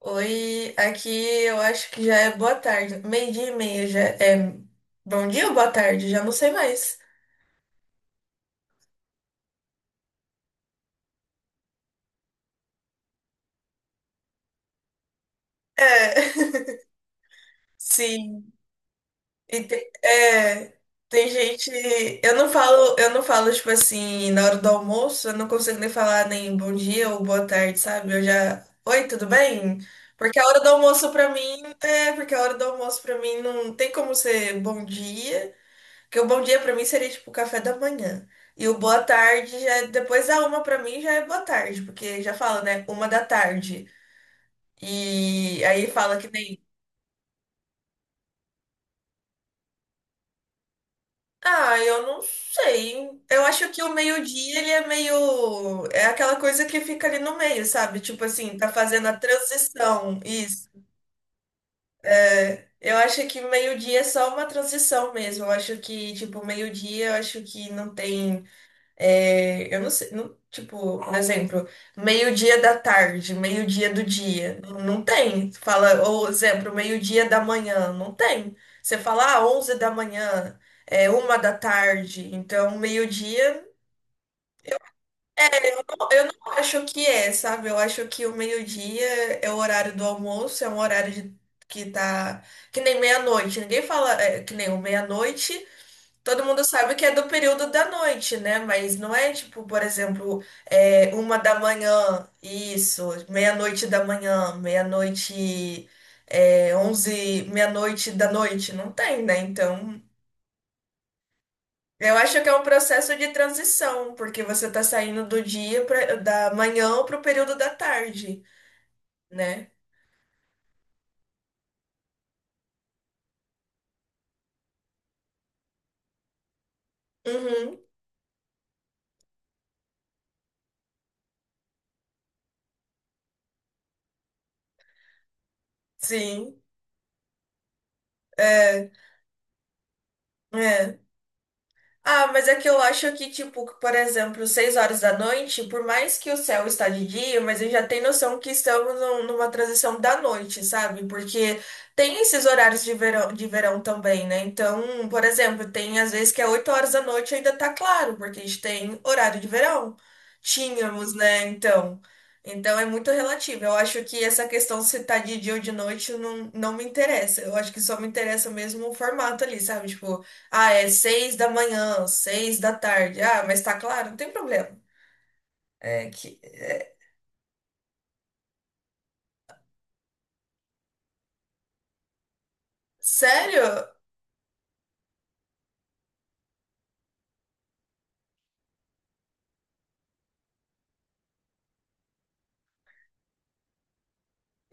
Oi, aqui eu acho que já é boa tarde. Meio-dia e meia já é bom dia ou boa tarde? Já não sei mais. É, sim. E tem, tem gente. Eu não falo, tipo assim, na hora do almoço, eu não consigo nem falar nem bom dia ou boa tarde, sabe? Eu já. Oi, tudo bem? Porque a hora do almoço pra mim. Porque a hora do almoço pra mim não tem como ser bom dia. Porque o bom dia pra mim seria tipo o café da manhã. E o boa tarde depois da uma pra mim já é boa tarde, porque já fala, né? Uma da tarde. E aí fala que nem. Ah, eu não sei. Eu acho que o meio-dia ele é meio. É aquela coisa que fica ali no meio, sabe? Tipo assim, tá fazendo a transição. Isso. Eu acho que meio-dia é só uma transição mesmo. Eu acho que, tipo, meio-dia, eu acho que não tem. É, eu não sei, tipo, por exemplo, meio-dia da tarde, meio-dia do dia, não tem. Você fala, ou exemplo, meio-dia da manhã, não tem. Você fala, ah, 11 da manhã, é uma da tarde, então meio-dia, eu não acho que é, sabe? Eu acho que o meio-dia é o horário do almoço, é um que tá, que nem meia-noite, ninguém fala, que nem o meia-noite. Todo mundo sabe que é do período da noite, né? Mas não é tipo, por exemplo, uma da manhã, isso, meia-noite da manhã, meia-noite, é, onze, meia-noite da noite, não tem, né? Então, eu acho que é um processo de transição, porque você tá saindo do da manhã pro período da tarde, né? Uhum, sim, é, é. Ah, mas é que eu acho que, tipo, por exemplo, seis horas da noite, por mais que o céu está de dia, mas eu já tenho noção que estamos numa transição da noite, sabe? Porque tem esses horários de verão, também, né? Então, por exemplo, tem às vezes que é oito horas da noite e ainda tá claro, porque a gente tem horário de verão. Tínhamos, né? Então é muito relativo. Eu acho que essa questão se tá de dia ou de noite não me interessa. Eu acho que só me interessa mesmo o formato ali, sabe? Tipo, ah, é seis da manhã, seis da tarde. Ah, mas tá claro, não tem problema. É que. é- Sério?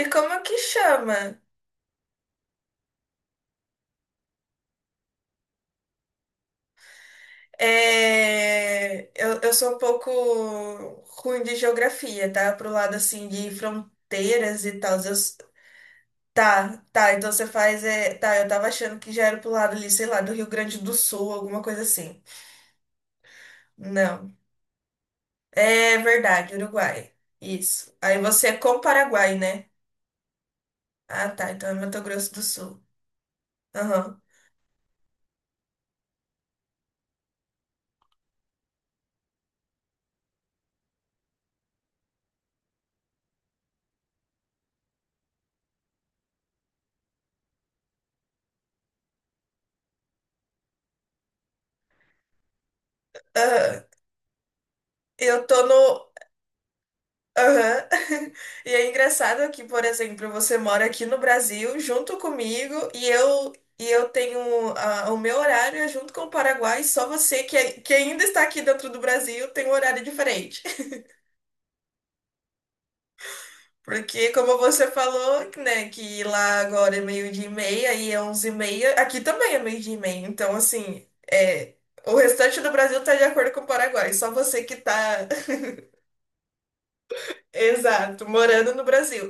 E como é que chama? É, eu sou um pouco ruim de geografia, tá? Pro lado assim de fronteiras e tal. Tá, tá, então você faz. É... Tá, eu tava achando que já era pro lado ali, sei lá, do Rio Grande do Sul, alguma coisa assim. Não. É verdade, Uruguai. Isso. Aí você é com o Paraguai, né? Ah, tá. Então é Mato Grosso do Sul. Aham. Aham. Eu tô no. Aham. E é engraçado que, por exemplo, você mora aqui no Brasil junto comigo e eu tenho ah, o meu horário é junto com o Paraguai, só você que ainda está aqui dentro do Brasil tem um horário diferente. Porque, como você falou, né, que lá agora é meio-dia e meia e é onze e meia, aqui também é meio-dia e meia. Então, assim, o restante do Brasil tá de acordo com o Paraguai, só você que tá. Exato, morando no Brasil.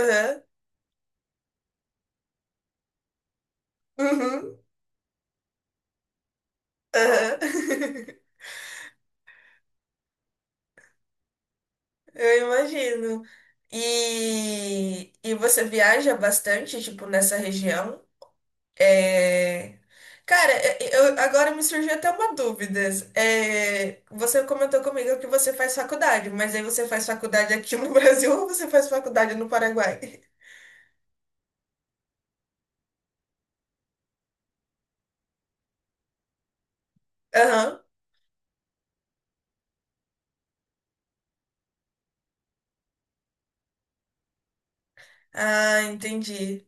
Aham, uhum, aham. Eu imagino. E você viaja bastante, tipo, nessa região? É... Cara, eu, agora me surgiu até uma dúvida. É, você comentou comigo que você faz faculdade, mas aí você faz faculdade aqui no Brasil ou você faz faculdade no Paraguai? Aham. Ah, entendi.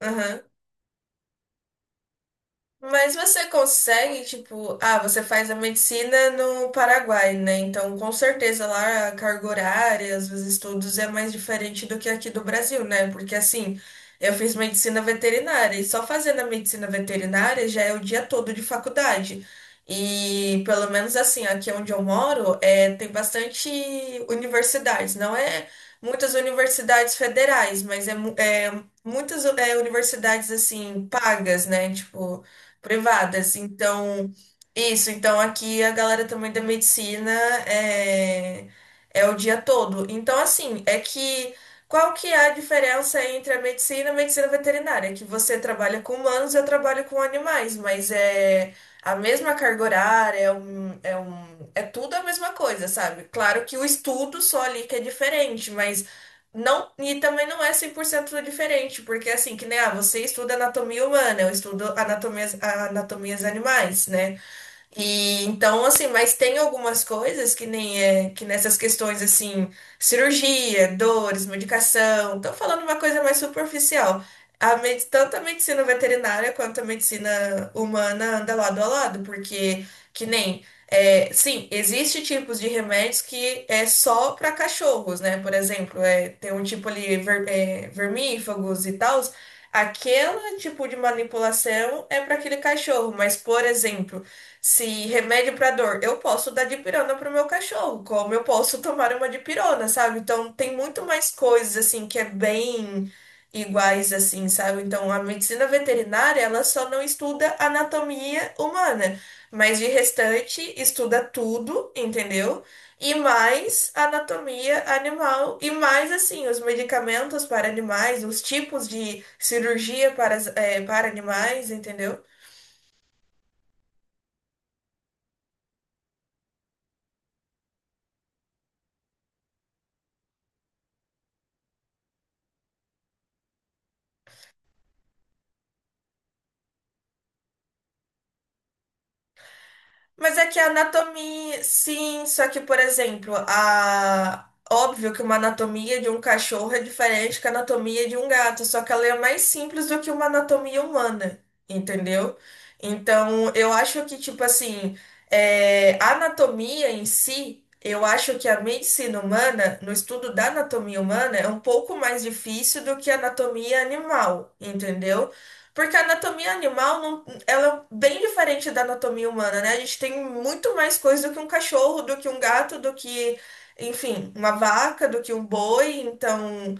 Aham. Mas você consegue, tipo, ah, você faz a medicina no Paraguai, né? Então, com certeza lá a carga horária, os estudos é mais diferente do que aqui do Brasil, né? Porque assim, eu fiz medicina veterinária e só fazendo a medicina veterinária já é o dia todo de faculdade. E pelo menos assim, aqui onde eu moro, é, tem bastante universidades, não é muitas universidades federais, mas é muitas é, universidades assim pagas, né? Tipo privadas. Então, isso. Então, aqui a galera também da medicina é, é o dia todo. Então, assim, é que qual que é a diferença entre a medicina e a medicina veterinária? É que você trabalha com humanos e eu trabalho com animais, mas é a mesma carga horária, é tudo a mesma coisa, sabe? Claro que o estudo só ali que é diferente, mas não, e também não é 100% diferente, porque assim, que nem, ah, você estuda anatomia humana, anatomias animais, né? E então, assim, mas tem algumas coisas que nem é, que nessas questões, assim, cirurgia, dores, medicação, tô falando uma coisa mais superficial. Tanto a medicina veterinária quanto a medicina humana anda lado a lado, porque que nem, é, sim, existe tipos de remédios que é só para cachorros, né? Por exemplo, é, tem um tipo ali, vermífagos e tal. Aquele tipo de manipulação é para aquele cachorro, mas, por exemplo, se remédio para dor, eu posso dar dipirona pro meu cachorro, como eu posso tomar uma dipirona, sabe? Então tem muito mais coisas assim que é bem iguais assim, sabe? Então a medicina veterinária, ela só não estuda anatomia humana, mas de restante estuda tudo, entendeu? E mais anatomia animal e mais assim os medicamentos para animais, os tipos de cirurgia para animais, entendeu? Mas é que a anatomia, sim, só que, por exemplo, a... óbvio que uma anatomia de um cachorro é diferente que a anatomia de um gato, só que ela é mais simples do que uma anatomia humana, entendeu? Então, eu acho que, tipo assim, a anatomia em si, eu acho que a medicina humana, no estudo da anatomia humana, é um pouco mais difícil do que a anatomia animal, entendeu? Porque a anatomia animal não ela é bem diferente da anatomia humana, né? A gente tem muito mais coisa do que um cachorro, do que um gato, do que, enfim, uma vaca, do que um boi. Então,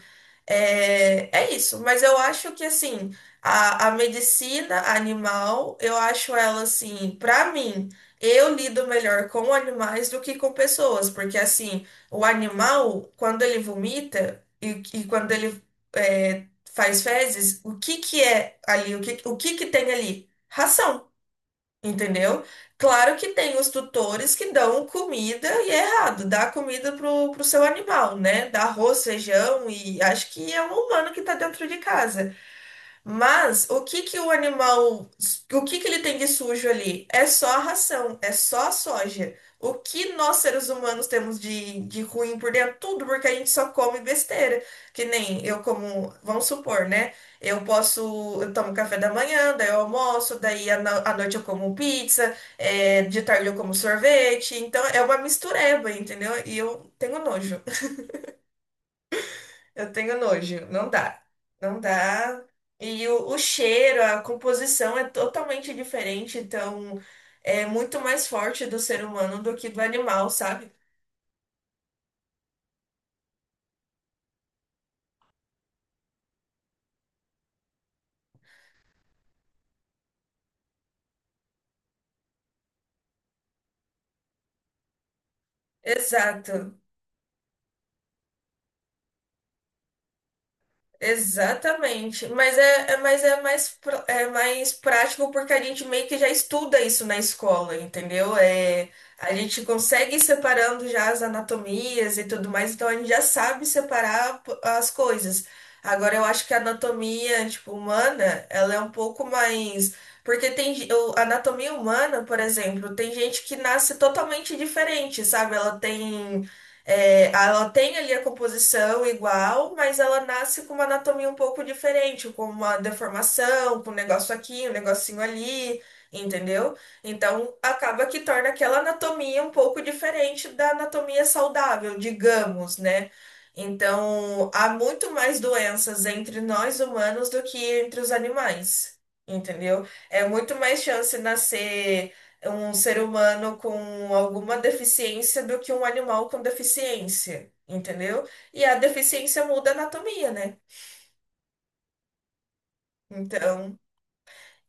é isso, mas eu acho que assim, a medicina animal, eu acho ela assim, pra mim, eu lido melhor com animais do que com pessoas, porque assim, o animal, quando ele vomita e quando ele é, faz fezes, o que que é ali? O que que tem ali? Ração. Entendeu? Claro que tem os tutores que dão comida e é errado, dá comida pro seu animal, né? Dá arroz, feijão e acho que é um humano que tá dentro de casa. Mas o que que o animal, o que que ele tem de sujo ali? É só a ração, é só a soja. O que nós seres humanos temos de ruim por dentro? Tudo, porque a gente só come besteira. Que nem eu como, vamos supor, né? Eu posso, eu tomo café da manhã, daí eu almoço, daí à no- à noite eu como pizza, é, de tarde eu como sorvete. Então é uma mistureba, entendeu? E eu tenho nojo. Eu tenho nojo, não dá, não dá. E o cheiro, a composição é totalmente diferente, então é muito mais forte do ser humano do que do animal, sabe? Exato. Exatamente. Mas é mais, é mais prático porque a gente meio que já estuda isso na escola, entendeu? É, a gente consegue ir separando já as anatomias e tudo mais, então a gente já sabe separar as coisas. Agora eu acho que a anatomia, tipo, humana, ela é um pouco mais. Porque a anatomia humana, por exemplo, tem gente que nasce totalmente diferente, sabe? Ela tem. É, ela tem ali a composição igual, mas ela nasce com uma anatomia um pouco diferente, com uma deformação, com um negócio aqui, um negocinho ali, entendeu? Então acaba que torna aquela anatomia um pouco diferente da anatomia saudável, digamos, né? Então há muito mais doenças entre nós humanos do que entre os animais, entendeu? É muito mais chance nascer um ser humano com alguma deficiência do que um animal com deficiência, entendeu? E a deficiência muda a anatomia, né? Então,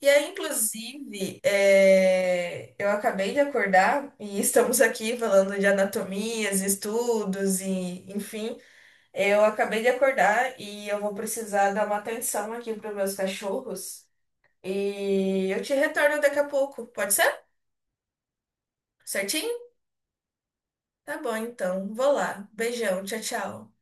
e aí, inclusive, é, eu acabei de acordar e estamos aqui falando de anatomias, estudos e, enfim, eu acabei de acordar e eu vou precisar dar uma atenção aqui para meus cachorros e eu te retorno daqui a pouco, pode ser? Certinho? Tá bom, então. Vou lá. Beijão. Tchau, tchau.